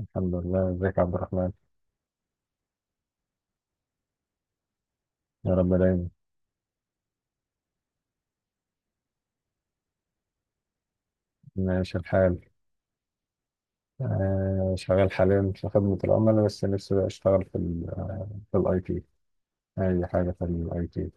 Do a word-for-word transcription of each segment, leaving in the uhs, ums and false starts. الحمد لله، ازيك يا عبد الرحمن؟ يا رب دايما. ماشي الحال. آه شغال حاليا في خدمة العملاء، بس نفسي بقى اشتغل في ال في الاي تي. اي حاجة في الاي تي.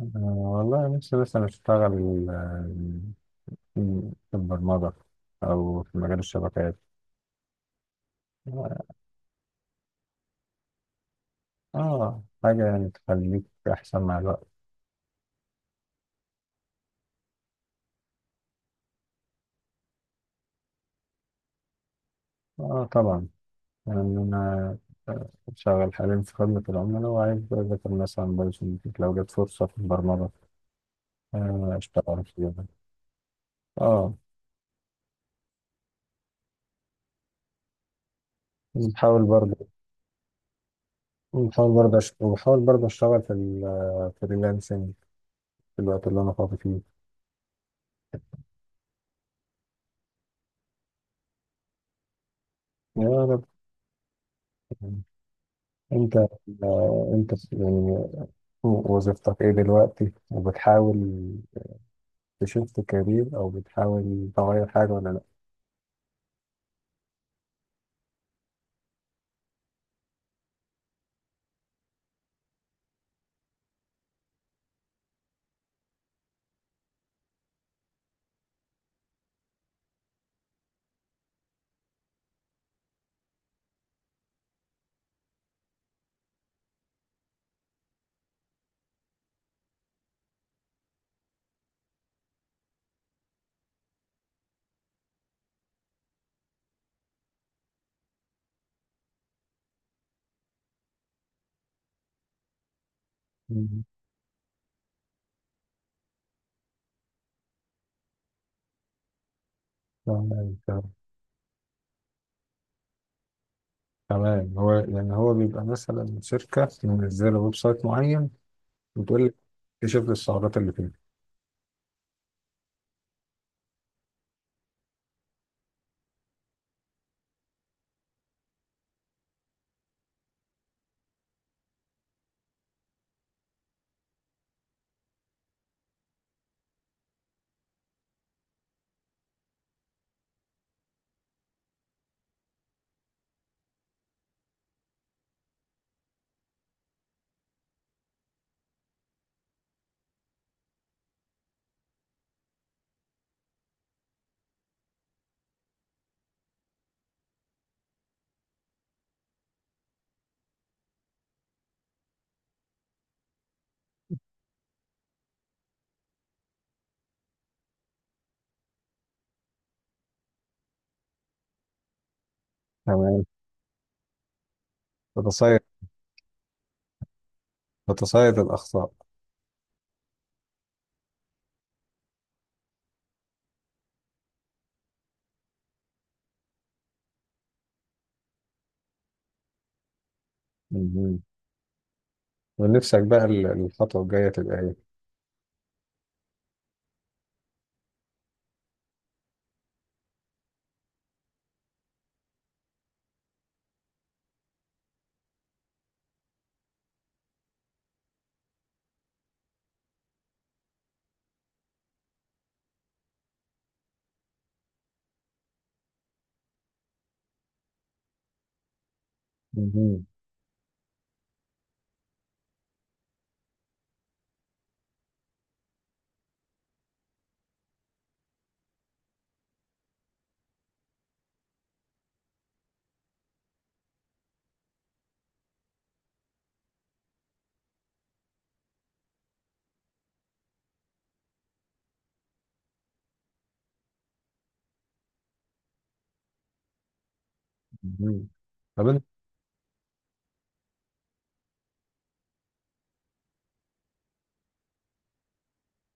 آه والله نفسي مثلا اشتغل آه، في البرمجة او في مجال الشبكات. اه. آه، حاجة يعني تخليك احسن مع الوقت. اه طبعا. يعني انا آه، شغال حاليا في خدمة العملاء وعايز اذاكر مثلا بايثون لو جت فرصة في البرمجة. آه، اشتغل فيها. اه. بحاول برضه بحاول برضه أش... وبحاول برضه اشتغل في ال في الفريلانسنج في الوقت اللي انا فاضي فيه. يا رب. انت آه، انت يعني وظيفتك ايه دلوقتي، وبتحاول تشفت كارير، او بتحاول تغير حاجة ولا لا؟ مم. تمام، تمام، تمام. هو يعني هو بيبقى مثلا شركة منزلة ويب سايت معين، وتقول لك اكتشف لي الثغرات اللي فيه. تمام. تتصيد تتصيد الأخطاء. ونفسك بقى ال- الخطوة الجاية تبقى ايه؟ مهم. مهم. طب انت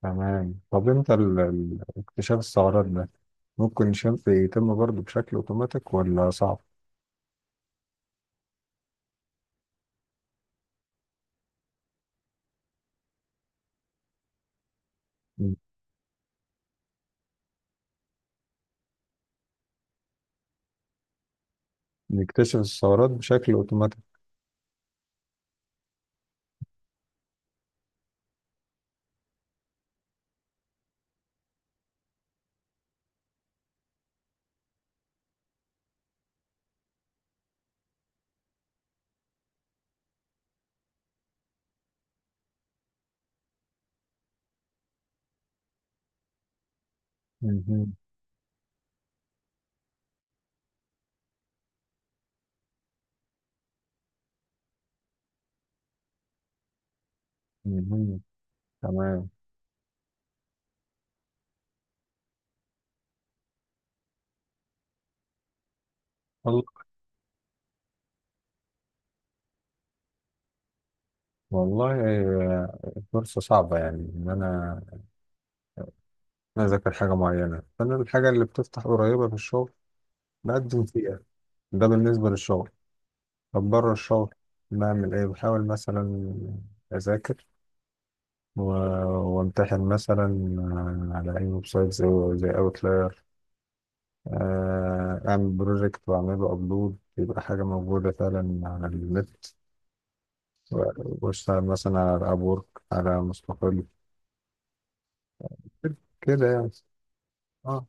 تمام. طب انت ال- ال- اكتشاف الثغرات ده، ممكن شنف يتم برضه بشكل اوتوماتيك ولا صعب؟ مم. نكتشف الثغرات بشكل اوتوماتيك؟ مهم. مهم. تمام. وال- والله آه، فرصة صعبة، يعني إن أنا أنا أذاكر حاجة معينة، فأنا الحاجة اللي بتفتح قريبة في الشغل بقدم فيها. ده بالنسبة للشغل. طب بره الشغل بعمل إيه؟ بحاول مثلا أذاكر و- وامتحن مثلا آه، على أي ويب سايت زي زي أوتلاير، أعمل بروجكت وأعمله أبلود، يبقى حاجة موجودة فعلا على النت و- وأشتغل مثلا على أبورك، على مستقل، كده يعني. اه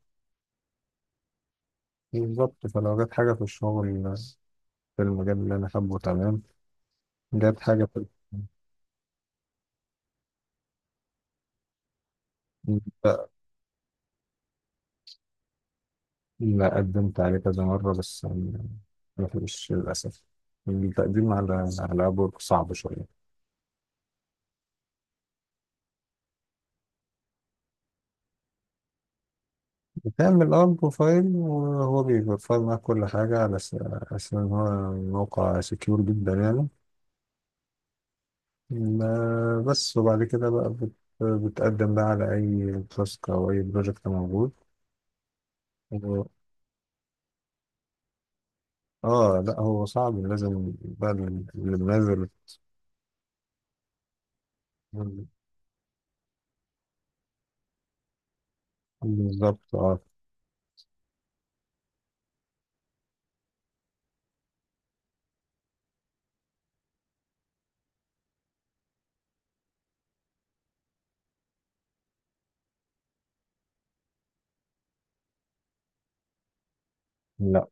بالظبط، فلو جت حاجة في الشغل في المجال اللي أنا حابه. تمام. جت حاجة في لا، لا، قدمت عليه كذا مرة بس يعني، ما فيش للأسف. التقديم على على أبورك صعب شوية. بتعمل اه بروفايل، وهو بيفر معاك كل حاجة على أس- أساس إن هو موقع سكيور جدا يعني. ما- بس وبعد كده بقى بت- بتقدم بقى على أي تاسك أو أي بروجكت موجود. و- اه. لا، هو صعب، لازم بقى اللي اللي منزل. بالظبط اه. لا.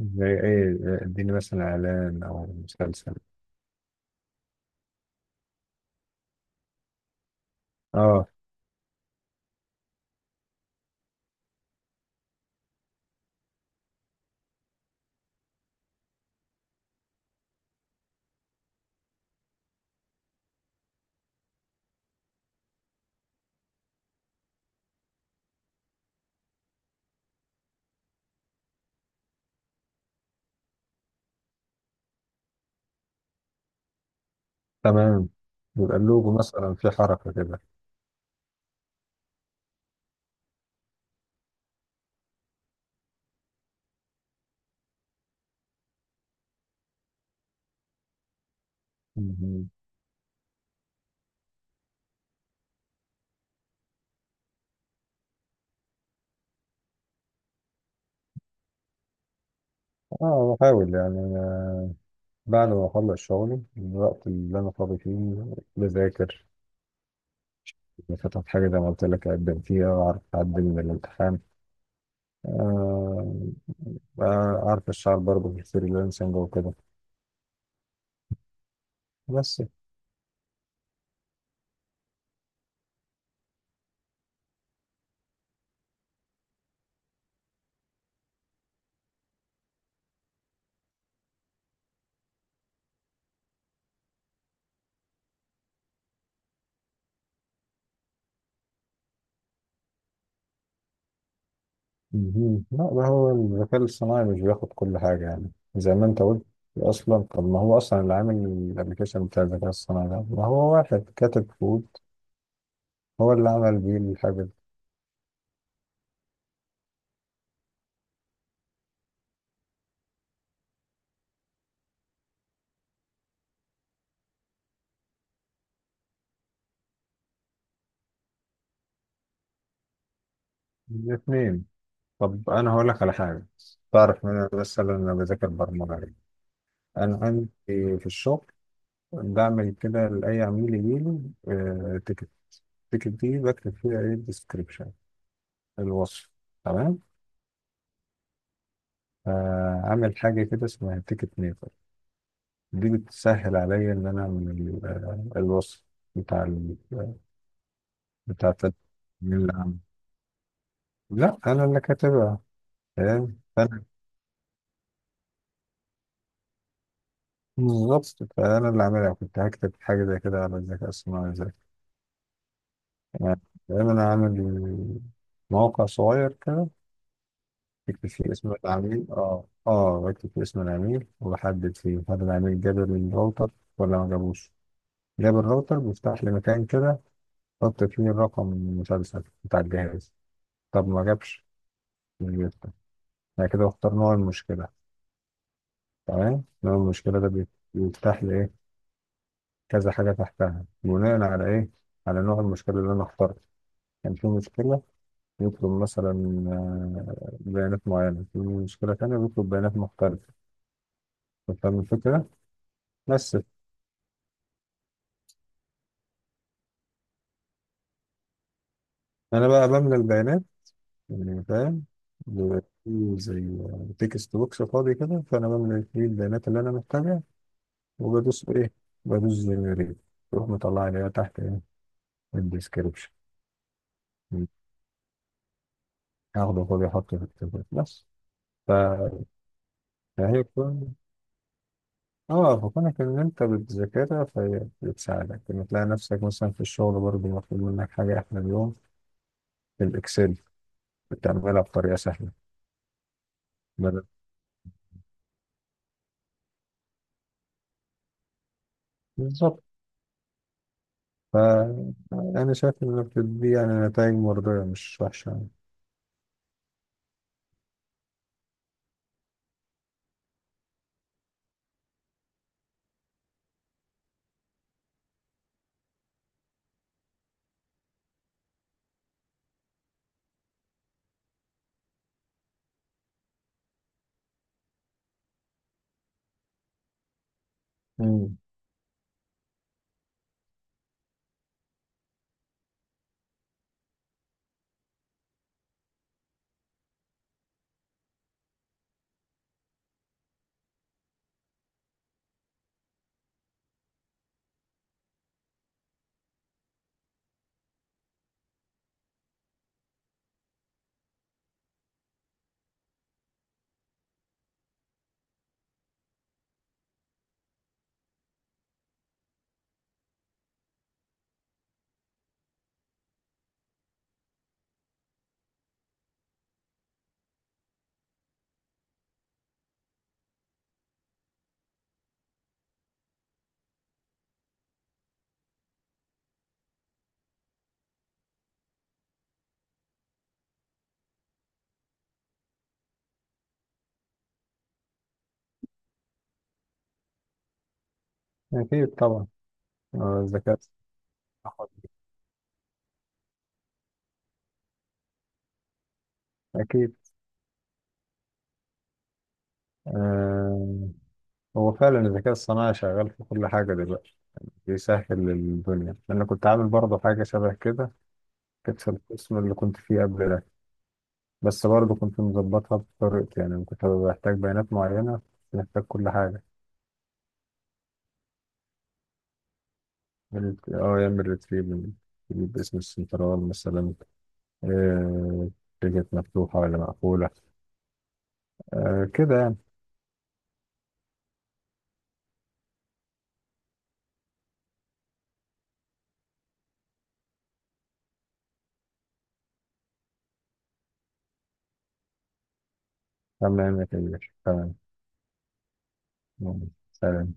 زي ايه؟ اديني مثلا اعلان او مسلسل. اه. تمام. يبقى اللوجو مثلا في حركة كده. مهم. اه بحاول يعني، بعد ما أخلص شغلي الوقت اللي أنا فاضي فيه بذاكر، بفتح حاجة زي ما قلت لك أقدم فيها وأعرف أعدي من الامتحان. آه، آه، أعرف أشتغل برضه في الفريلانسنج وكده. بس. مهم. لا، ده هو الذكاء الصناعي مش بياخد كل حاجة يعني زي ما أنت قلت. أصلا طب ما هو أصلا اللي عامل الأبلكيشن بتاع الذكاء الصناعي ده، ما هو واحد كاتب كود هو اللي عمل بيه الحاجة دي. الاتنين. طب أنا هقول لك على حاجة. تعرف إن أنا مثلا أنا بذاكر برمجة. أنا عندي في الشغل بعمل كده لأي عميل يجيلي تيكت. التيكت دي بكتب فيها إيه، الديسكريبشن، الوصف. تمام. آه، عامل حاجة كده اسمها تيكت ميكر. دي بتسهل عليا إن أنا أعمل آه، الوصف بتاع ال آه، بتاع التد- اللي عامل، لا، أنا اللي كاتبها. فاهم؟ فأنا بالظبط. فأنا اللي عاملها كنت هكتب حاجة زي كده على الذكاء الصناعي إزاي، يعني فاهم؟ أنا عامل موقع صغير كده. بكتب فيه اسم العميل اه اه بكتب فيه اسم العميل وبحدد فيه هل العميل جاب الراوتر ولا ما جابوش. جاب الراوتر بيفتح لي مكان كده، احط فيه الرقم المسلسل بتاع الجهاز. طب ما جابش مش بيفتح. انا كده بختار نوع المشكلة. تمام. نوع المشكلة ده بي- بيفتح لي ايه، كذا حاجة تحتها بناء على ايه، على نوع المشكلة اللي انا اخترته. كان في مشكلة يطلب مثلا آه، بيانات معينة، في مشكلة تانية بيطلب بيانات مختلفة. فاهم الفكرة؟ بس انا بقى بملى البيانات، يعني فاهم؟ بيبقى فيه زي تكست بوكس فاضي كده، فانا بملى فيه البيانات اللي انا محتاجها. وبدوس ايه؟ بدوس جنريت. تروح مطلع لي بقى تحت ايه، الديسكربشن. هاخده فاضي احطه في التبلت بس. ف- فهي كون اه فكونك ان انت بتذاكرها فهي بتساعدك ان تلاقي نفسك مثلا في الشغل برضه مطلوب منك حاجه، احنا اليوم في الاكسل بتعملها بطريقه سهله. بدل- بالظبط. فأنا شايف إن الأبتر دي يعني نتائج مرضية، مش وحشة يعني. مم. أكيد طبعا. آه، الذكاء الصناعي. أكيد. آه هو فعلا الذكاء الصناعي شغال في كل حاجة دلوقتي، بيسهل الدنيا. أنا كنت عامل برضه حاجة شبه كده، كانت في القسم اللي كنت فيه قبل ده. بس برضه كنت مظبطها بطريقتي، يعني كنت بحتاج بيانات معينة، محتاج كل حاجة. ال- اه يعمل ريتريف، يجيب اسم السنترال مثلا. آه، تيجت مفتوحة ولا مقفولة. آه كده يعني. تمام يا كبير. تمام. يلا، سلام.